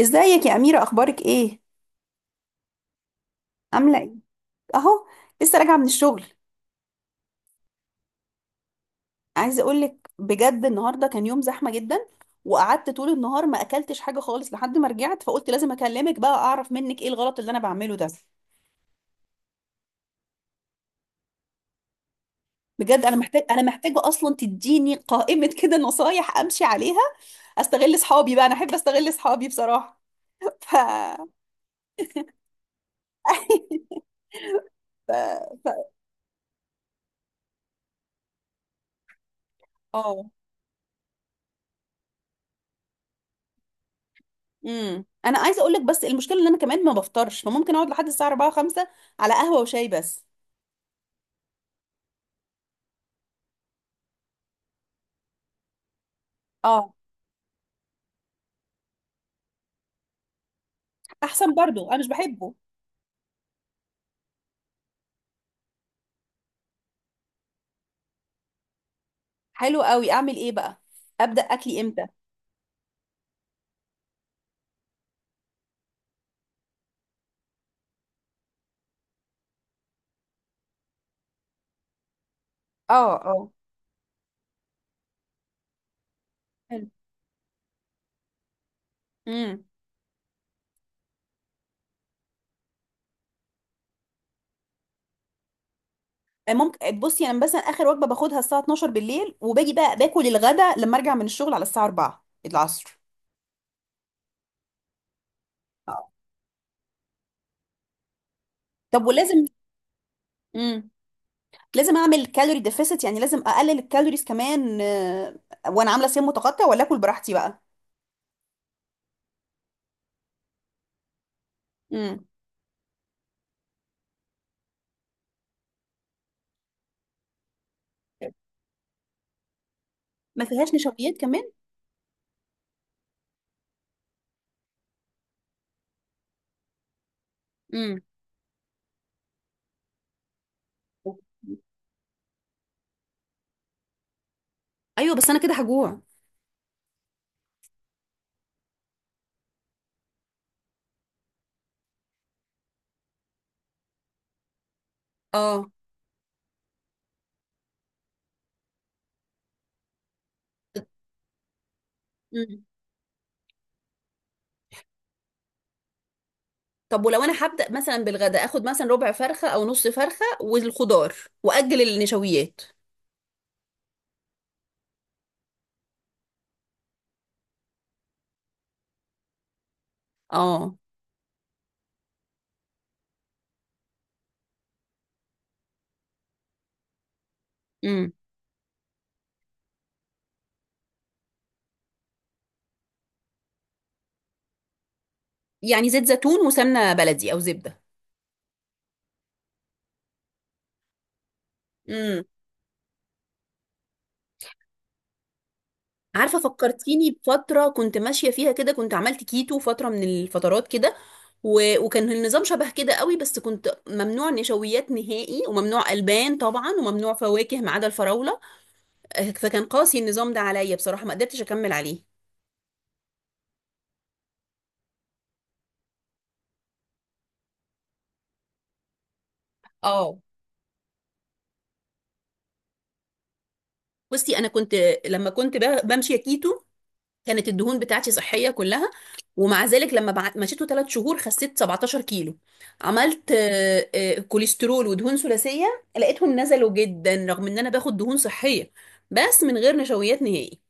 ازيك يا أميرة، أخبارك إيه؟ عاملة إيه؟ أهو لسه راجعة من الشغل. عايزة أقولك بجد، النهاردة كان يوم زحمة جدا. وقعدت طول النهار ما أكلتش حاجة خالص لحد ما رجعت، فقلت لازم أكلمك بقى أعرف منك إيه الغلط اللي أنا بعمله ده. بجد أنا محتاجة أصلا تديني قائمة كده نصايح أمشي عليها. أستغل صحابي بقى، أنا أحب أستغل صحابي بصراحة. ف ف ف اه انا عايزه اقول لك، بس المشكله ان انا كمان ما بفطرش، فممكن اقعد لحد الساعه 4 5 على قهوه وشاي بس. اه، احسن برضو انا مش بحبه. حلو قوي، اعمل ايه بقى؟ ابدا اكلي امتى؟ اه. اه. حلو. امم. ممكن بصي، انا مثلا اخر وجبه باخدها الساعه 12 بالليل، وباجي بقى باكل الغدا لما ارجع من الشغل على الساعه 4 العصر. آه. طب ولازم، امم، لازم اعمل كالوري ديفيسيت؟ يعني لازم اقلل الكالوريز كمان، آه، وانا عامله صيام متقطع، ولا اكل براحتي بقى؟ امم. ما فيهاش نشويات كمان؟ امم. ايوه بس انا كده هجوع. اه. طب ولو انا هبدأ مثلا بالغدا، اخد مثلا ربع فرخة او نص فرخة والخضار، واجل النشويات. اه. امم. يعني زيت زيتون وسمنة بلدي او زبدة. امم. عارفة، فكرتيني بفترة كنت ماشية فيها كده، كنت عملت كيتو فترة من الفترات كده، و... وكان النظام شبه كده قوي، بس كنت ممنوع نشويات نهائي وممنوع ألبان طبعا وممنوع فواكه ما عدا الفراولة. آه، فكان قاسي النظام ده عليا بصراحة، ما قدرتش أكمل عليه. اه. بصي انا كنت، لما كنت بمشي كيتو، كانت الدهون بتاعتي صحية كلها. ومع ذلك لما مشيته 3 شهور خسيت 17 كيلو، عملت كوليسترول ودهون ثلاثية، لقيتهم نزلوا جدا رغم ان انا باخد دهون صحية، بس من غير نشويات نهائي.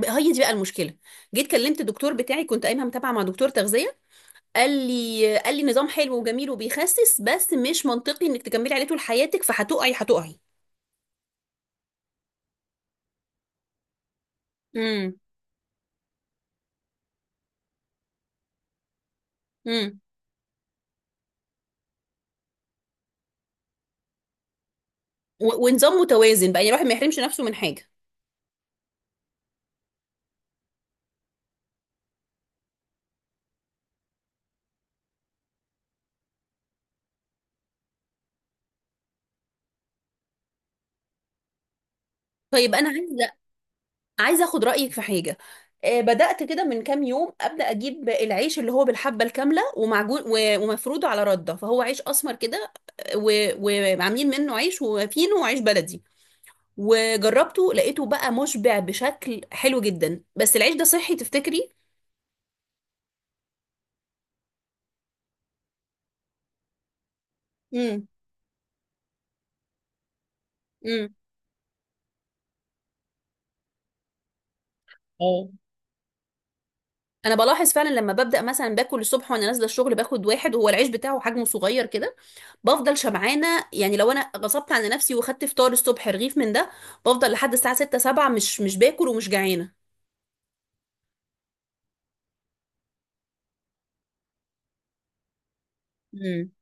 هي دي بقى المشكلة. جيت كلمت الدكتور بتاعي، كنت قايمة متابعة مع دكتور تغذية، قال لي نظام حلو وجميل وبيخسس، بس مش منطقي انك تكملي عليه طول حياتك، هتقعي. امم. امم. ونظام متوازن بقى، يعني الواحد ما يحرمش نفسه من حاجة. طيب انا عايزه اخد رايك في حاجه. آه، بدات كده من كام يوم ابدا اجيب العيش اللي هو بالحبه الكامله ومعجون ومفروده على رده، فهو عيش اسمر كده، آه، وعاملين منه عيش وفينو وعيش بلدي. وجربته لقيته بقى مشبع بشكل حلو جدا، بس العيش ده صحي تفتكري؟ امم. امم. انا بلاحظ فعلا، لما ببدا مثلا باكل الصبح وانا نازله الشغل باخد واحد، وهو العيش بتاعه حجمه صغير كده، بفضل شبعانه. يعني لو انا غصبت على نفسي وخدت فطار الصبح رغيف من ده، بفضل لحد الساعه 6 7 مش باكل ومش جعانه. امم.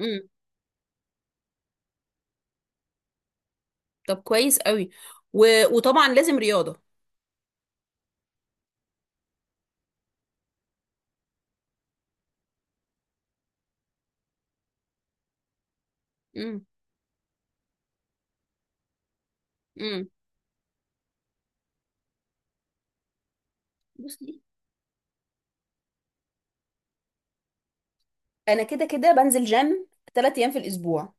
امم. طب كويس قوي. و... وطبعا لازم رياضه. امم. امم. بصي انا كده كده بنزل جيم 3 ايام في الاسبوع.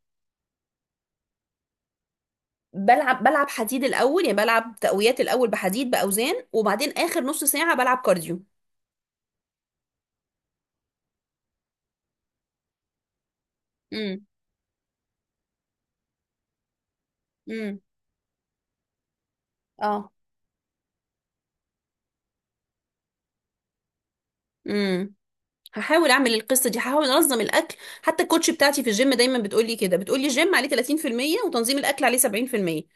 بلعب حديد الاول، يعني بلعب تقويات الاول بحديد باوزان، وبعدين اخر نص ساعه بلعب كارديو. امم. امم. اه، هحاول اعمل القصه دي، هحاول انظم الاكل. حتى الكوتش بتاعتي في الجيم دايما بتقولي كده، بتقولي الجيم عليه 30% وتنظيم الاكل عليه 70%.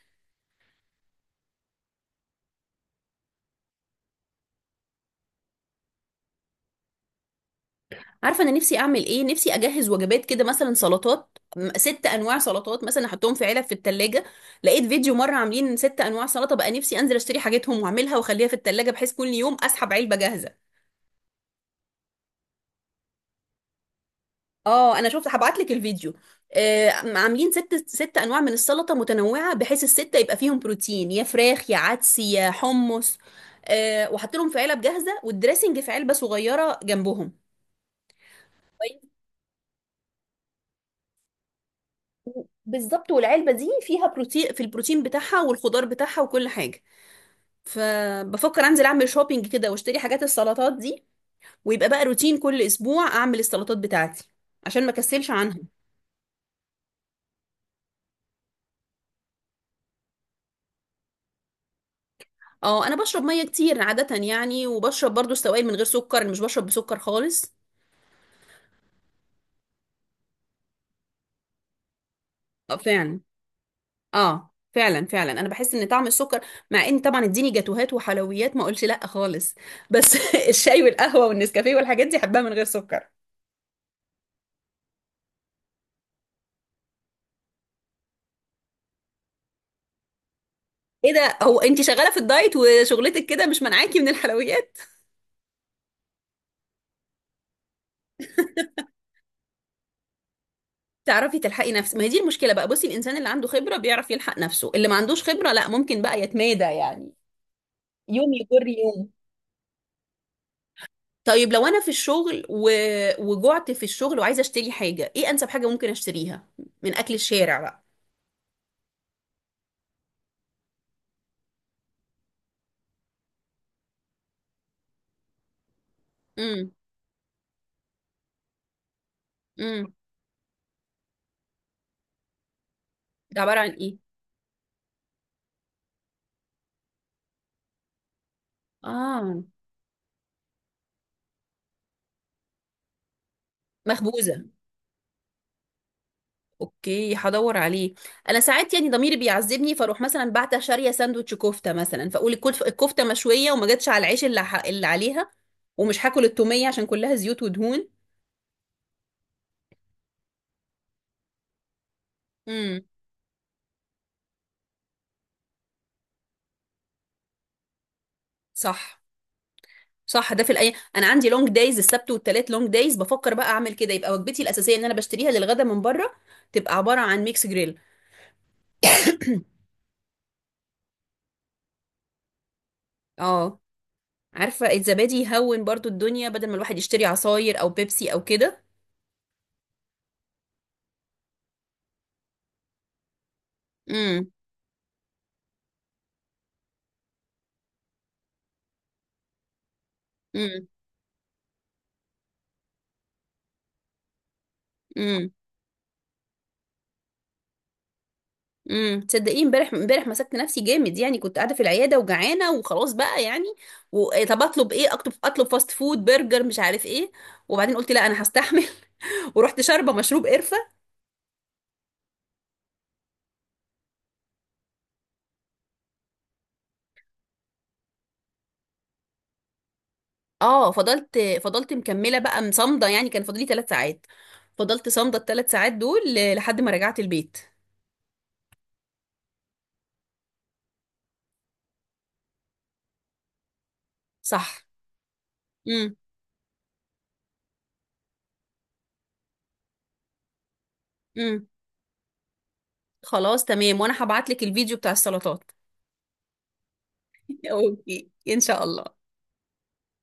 عارفه انا نفسي اعمل ايه؟ نفسي اجهز وجبات كده، مثلا سلطات، ست انواع سلطات مثلا احطهم في علب في التلاجة. لقيت فيديو مره عاملين ست انواع سلطه، بقى نفسي انزل اشتري حاجتهم واعملها واخليها في التلاجة، بحيث كل يوم اسحب علبه جاهزه. اه انا شفت، هبعت لك الفيديو. آه عاملين ست انواع من السلطه متنوعه، بحيث السته يبقى فيهم بروتين، يا فراخ يا عدس يا حمص، آه، وحاطط لهم في علب جاهزه، والدريسنج في علبه صغيره جنبهم. كويس. بالظبط، والعلبه دي فيها بروتين، في البروتين بتاعها والخضار بتاعها وكل حاجه. فبفكر انزل اعمل شوبينج كده واشتري حاجات السلطات دي، ويبقى بقى روتين كل اسبوع اعمل السلطات بتاعتي، عشان ما كسلش عنها. اه انا بشرب ميه كتير عاده يعني، وبشرب برضو السوائل من غير سكر، مش بشرب بسكر خالص. اه فعلا. اه فعلا، انا بحس ان طعم السكر، مع ان طبعا اديني جاتوهات وحلويات ما اقولش لا خالص، بس الشاي والقهوه والنسكافيه والحاجات دي احبها من غير سكر. ايه ده، هو انت شغاله في الدايت وشغلتك كده مش منعاكي من الحلويات؟ تعرفي تلحقي نفسك، ما هي دي المشكله بقى. بصي، الانسان اللي عنده خبره بيعرف يلحق نفسه، اللي ما عندوش خبره لا، ممكن بقى يتمادى يعني، يوم يجر يوم. طيب لو انا في الشغل و... وجعت في الشغل وعايزه اشتري حاجه، ايه انسب حاجه ممكن اشتريها من اكل الشارع بقى؟ امم. امم. ده عباره عن ايه؟ اه. مخبوزه؟ اوكي، هدور عليه. انا ساعات يعني ضميري بيعذبني، فاروح مثلا بعت شاريه ساندوتش كفته مثلا، فاقول الكفته مشويه وما جاتش على العيش اللي عليها، ومش هاكل التوميه عشان كلها زيوت ودهون. امم. صح. صح، ده في الايام انا عندي لونج دايز، السبت والتلات لونج دايز، بفكر بقى اعمل كده، يبقى وجبتي الاساسيه ان انا بشتريها للغدا من بره، تبقى عباره عن ميكس جريل. اه. عارفه الزبادي يهون برضو الدنيا، بدل ما الواحد يشتري عصاير او بيبسي او كده. امم. امم. امم. امم. تصدقي امبارح مسكت نفسي جامد، يعني كنت قاعده في العياده وجعانه، وخلاص بقى يعني، و... إيه، طب اطلب ايه؟ اطلب فاست فود، برجر، مش عارف ايه. وبعدين قلت لا انا هستحمل، ورحت شاربه مشروب قرفه. اه فضلت، فضلت مكمله بقى مصمده، يعني كان فاضلي 3 ساعات، فضلت صامده الـ3 ساعات دول لحد ما رجعت البيت. صح. امم. امم. خلاص تمام، وانا هبعت لك الفيديو بتاع السلطات. اوكي ان شاء الله.